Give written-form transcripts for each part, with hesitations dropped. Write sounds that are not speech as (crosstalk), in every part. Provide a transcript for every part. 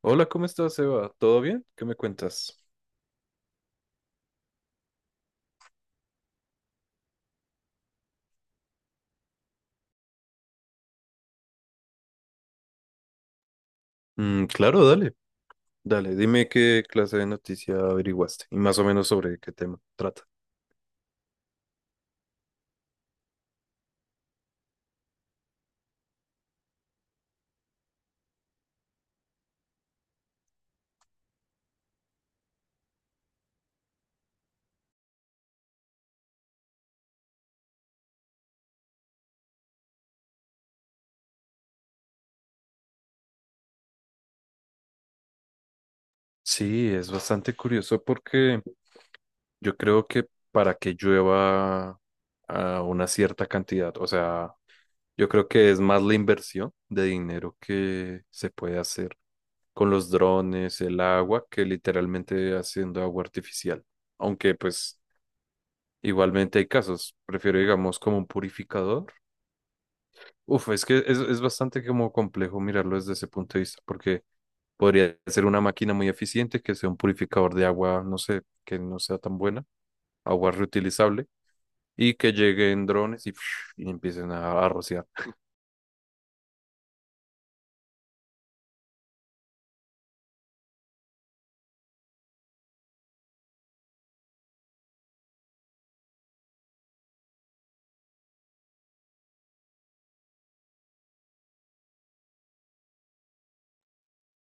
Hola, ¿cómo estás, Eva? ¿Todo bien? ¿Qué me cuentas? Claro, dale, dale, dime qué clase de noticia averiguaste y más o menos sobre qué tema trata. Sí, es bastante curioso porque yo creo que para que llueva a una cierta cantidad, o sea, yo creo que es más la inversión de dinero que se puede hacer con los drones, el agua, que literalmente haciendo agua artificial. Aunque pues igualmente hay casos, prefiero digamos como un purificador. Uf, es que es bastante como complejo mirarlo desde ese punto de vista, porque podría ser una máquina muy eficiente, que sea un purificador de agua, no sé, que no sea tan buena, agua reutilizable, y que lleguen drones y, (laughs) (sniffs) y empiecen a rociar.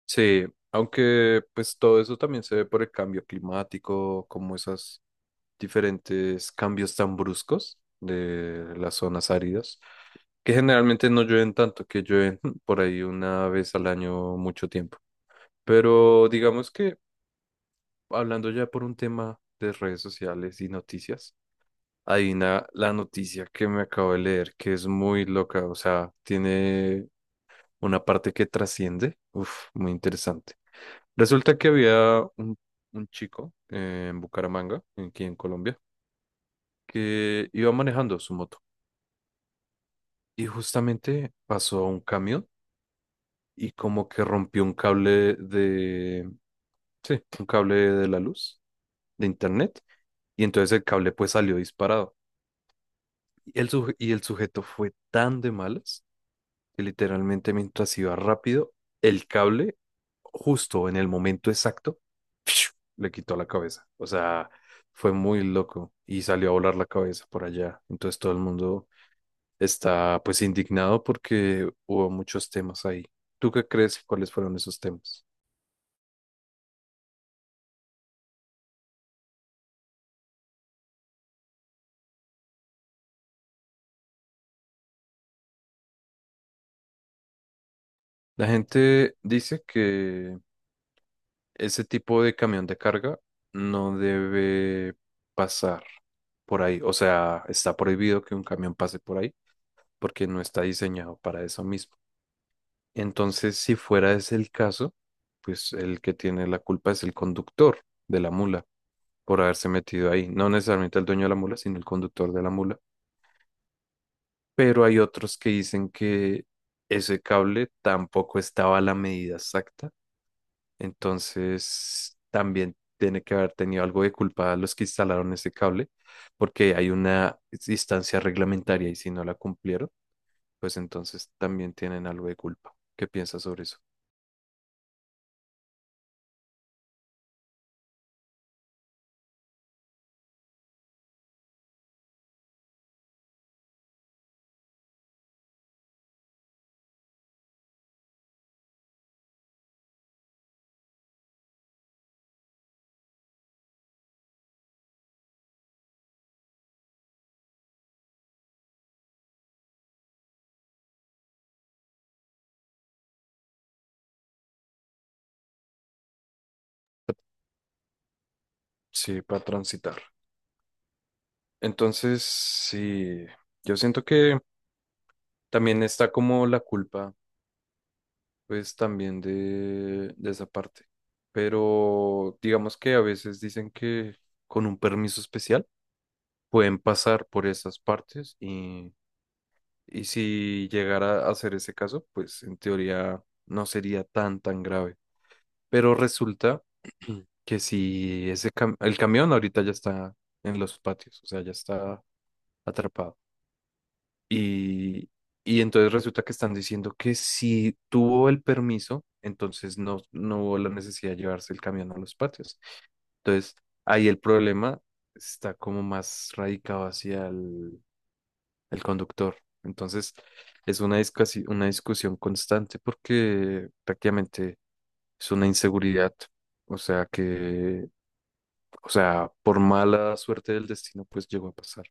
Sí, aunque pues todo eso también se ve por el cambio climático, como esos diferentes cambios tan bruscos de las zonas áridas, que generalmente no llueven tanto, que llueven (laughs) por ahí una vez al año mucho tiempo. Pero digamos que hablando ya por un tema de redes sociales y noticias, hay la noticia que me acabo de leer que es muy loca, o sea, tiene una parte que trasciende, uf, muy interesante. Resulta que había un chico en Bucaramanga, aquí en Colombia, que iba manejando su moto y justamente pasó a un camión y como que rompió un cable de, sí, un cable de la luz, de internet. Y entonces el cable pues salió disparado. Y el sujeto fue tan de malas que literalmente mientras iba rápido, el cable, justo en el momento exacto, ¡fiu!, le quitó la cabeza. O sea, fue muy loco y salió a volar la cabeza por allá. Entonces todo el mundo está pues indignado porque hubo muchos temas ahí. ¿Tú qué crees? ¿Cuáles fueron esos temas? La gente dice que ese tipo de camión de carga no debe pasar por ahí. O sea, está prohibido que un camión pase por ahí porque no está diseñado para eso mismo. Entonces, si fuera ese el caso, pues el que tiene la culpa es el conductor de la mula por haberse metido ahí. No necesariamente el dueño de la mula, sino el conductor de la mula. Pero hay otros que dicen que ese cable tampoco estaba a la medida exacta. Entonces, también tiene que haber tenido algo de culpa los que instalaron ese cable, porque hay una distancia reglamentaria y si no la cumplieron, pues entonces también tienen algo de culpa. ¿Qué piensas sobre eso? Sí, para transitar. Entonces, sí, yo siento que también está como la culpa, pues también de esa parte. Pero digamos que a veces dicen que con un permiso especial pueden pasar por esas partes. Y si llegara a ser ese caso, pues en teoría no sería tan, tan grave. Pero resulta (clears throat) que si ese el camión ahorita ya está en los patios, o sea, ya está atrapado. Y, y entonces resulta que están diciendo que si tuvo el permiso, entonces no, no hubo la necesidad de llevarse el camión a los patios. Entonces ahí el problema está como más radicado hacia el conductor. Entonces, es una una discusión constante porque prácticamente es una inseguridad. O sea que, o sea, por mala suerte del destino, pues llegó a pasar.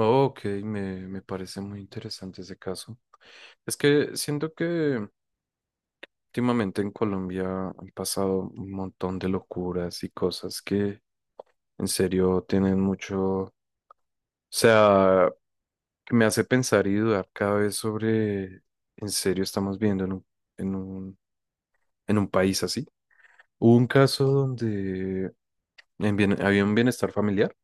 Ok, me parece muy interesante ese caso. Es que siento que últimamente en Colombia han pasado un montón de locuras y cosas que en serio tienen mucho, o sea, que me hace pensar y dudar cada vez sobre, en serio, estamos viendo en en un, un país así. Hubo un caso donde había un bienestar familiar,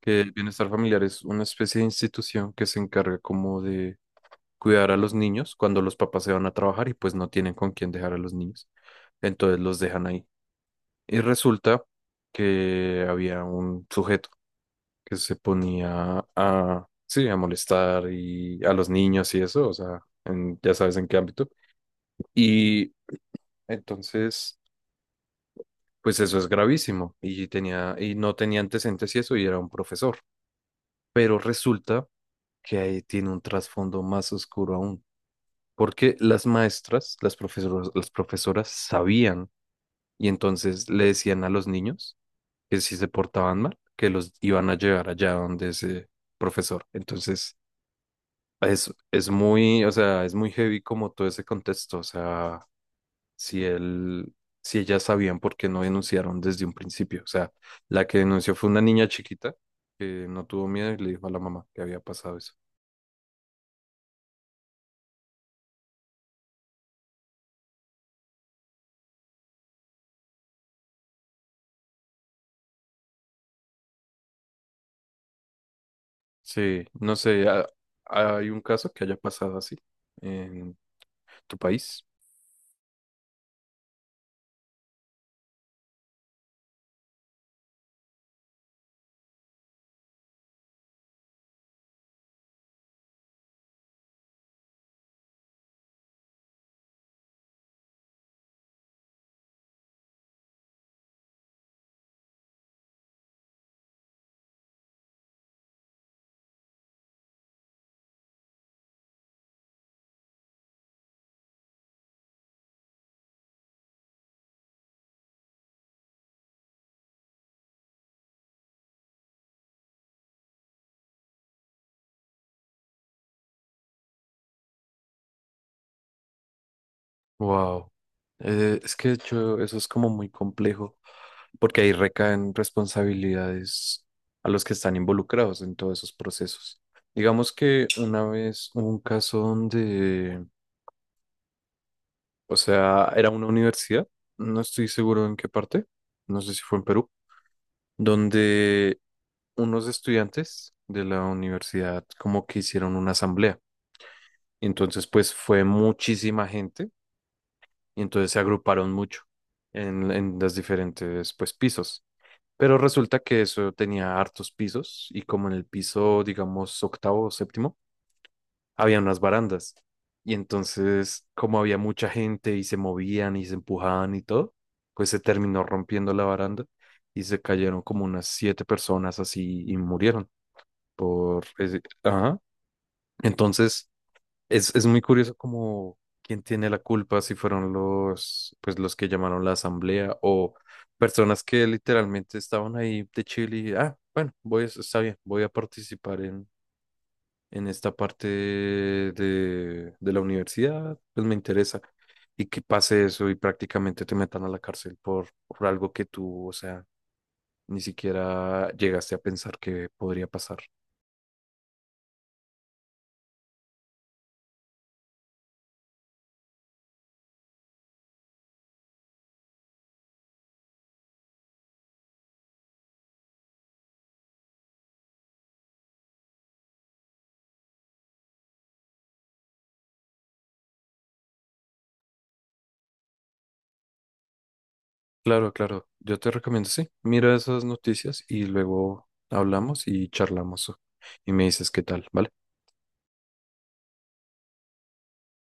que el bienestar familiar es una especie de institución que se encarga como de cuidar a los niños cuando los papás se van a trabajar y pues no tienen con quién dejar a los niños. Entonces los dejan ahí. Y resulta que había un sujeto que se ponía a, sí, a molestar y a los niños y eso, o sea, en- ya sabes en qué ámbito. Y entonces, pues eso es gravísimo y tenía, y no tenía antecedentes y eso, y era un profesor. Pero resulta que ahí tiene un trasfondo más oscuro aún, porque las maestras, las profesoras sabían y entonces le decían a los niños que si se portaban mal, que los iban a llevar allá donde ese profesor. Entonces, es muy, o sea, es muy heavy como todo ese contexto. O sea, si él, si ellas sabían por qué no denunciaron desde un principio. O sea, la que denunció fue una niña chiquita que no tuvo miedo y le dijo a la mamá que había pasado eso. Sí, no sé, ¿hay un caso que haya pasado así en tu país? Wow. Es que de hecho eso es como muy complejo, porque ahí recaen responsabilidades a los que están involucrados en todos esos procesos. Digamos que una vez hubo un caso donde, o sea, era una universidad, no estoy seguro en qué parte, no sé si fue en Perú, donde unos estudiantes de la universidad como que hicieron una asamblea. Entonces, pues fue muchísima gente y entonces se agruparon mucho en los diferentes pues pisos. Pero resulta que eso tenía hartos pisos y como en el piso, digamos, octavo o séptimo, había unas barandas. Y entonces, como había mucha gente y se movían y se empujaban y todo, pues se terminó rompiendo la baranda y se cayeron como unas siete personas así y murieron por ese- Ajá. Entonces, es muy curioso como quién tiene la culpa, si fueron los, pues los que llamaron la asamblea o personas que literalmente estaban ahí de Chile y, ah, bueno, está bien, voy a participar en esta parte de la universidad, pues me interesa. Y que pase eso y prácticamente te metan a la cárcel por algo que tú, o sea, ni siquiera llegaste a pensar que podría pasar. Claro, claro. Yo te recomiendo, sí. Mira esas noticias y luego hablamos y charlamos. Y me dices qué tal, ¿vale?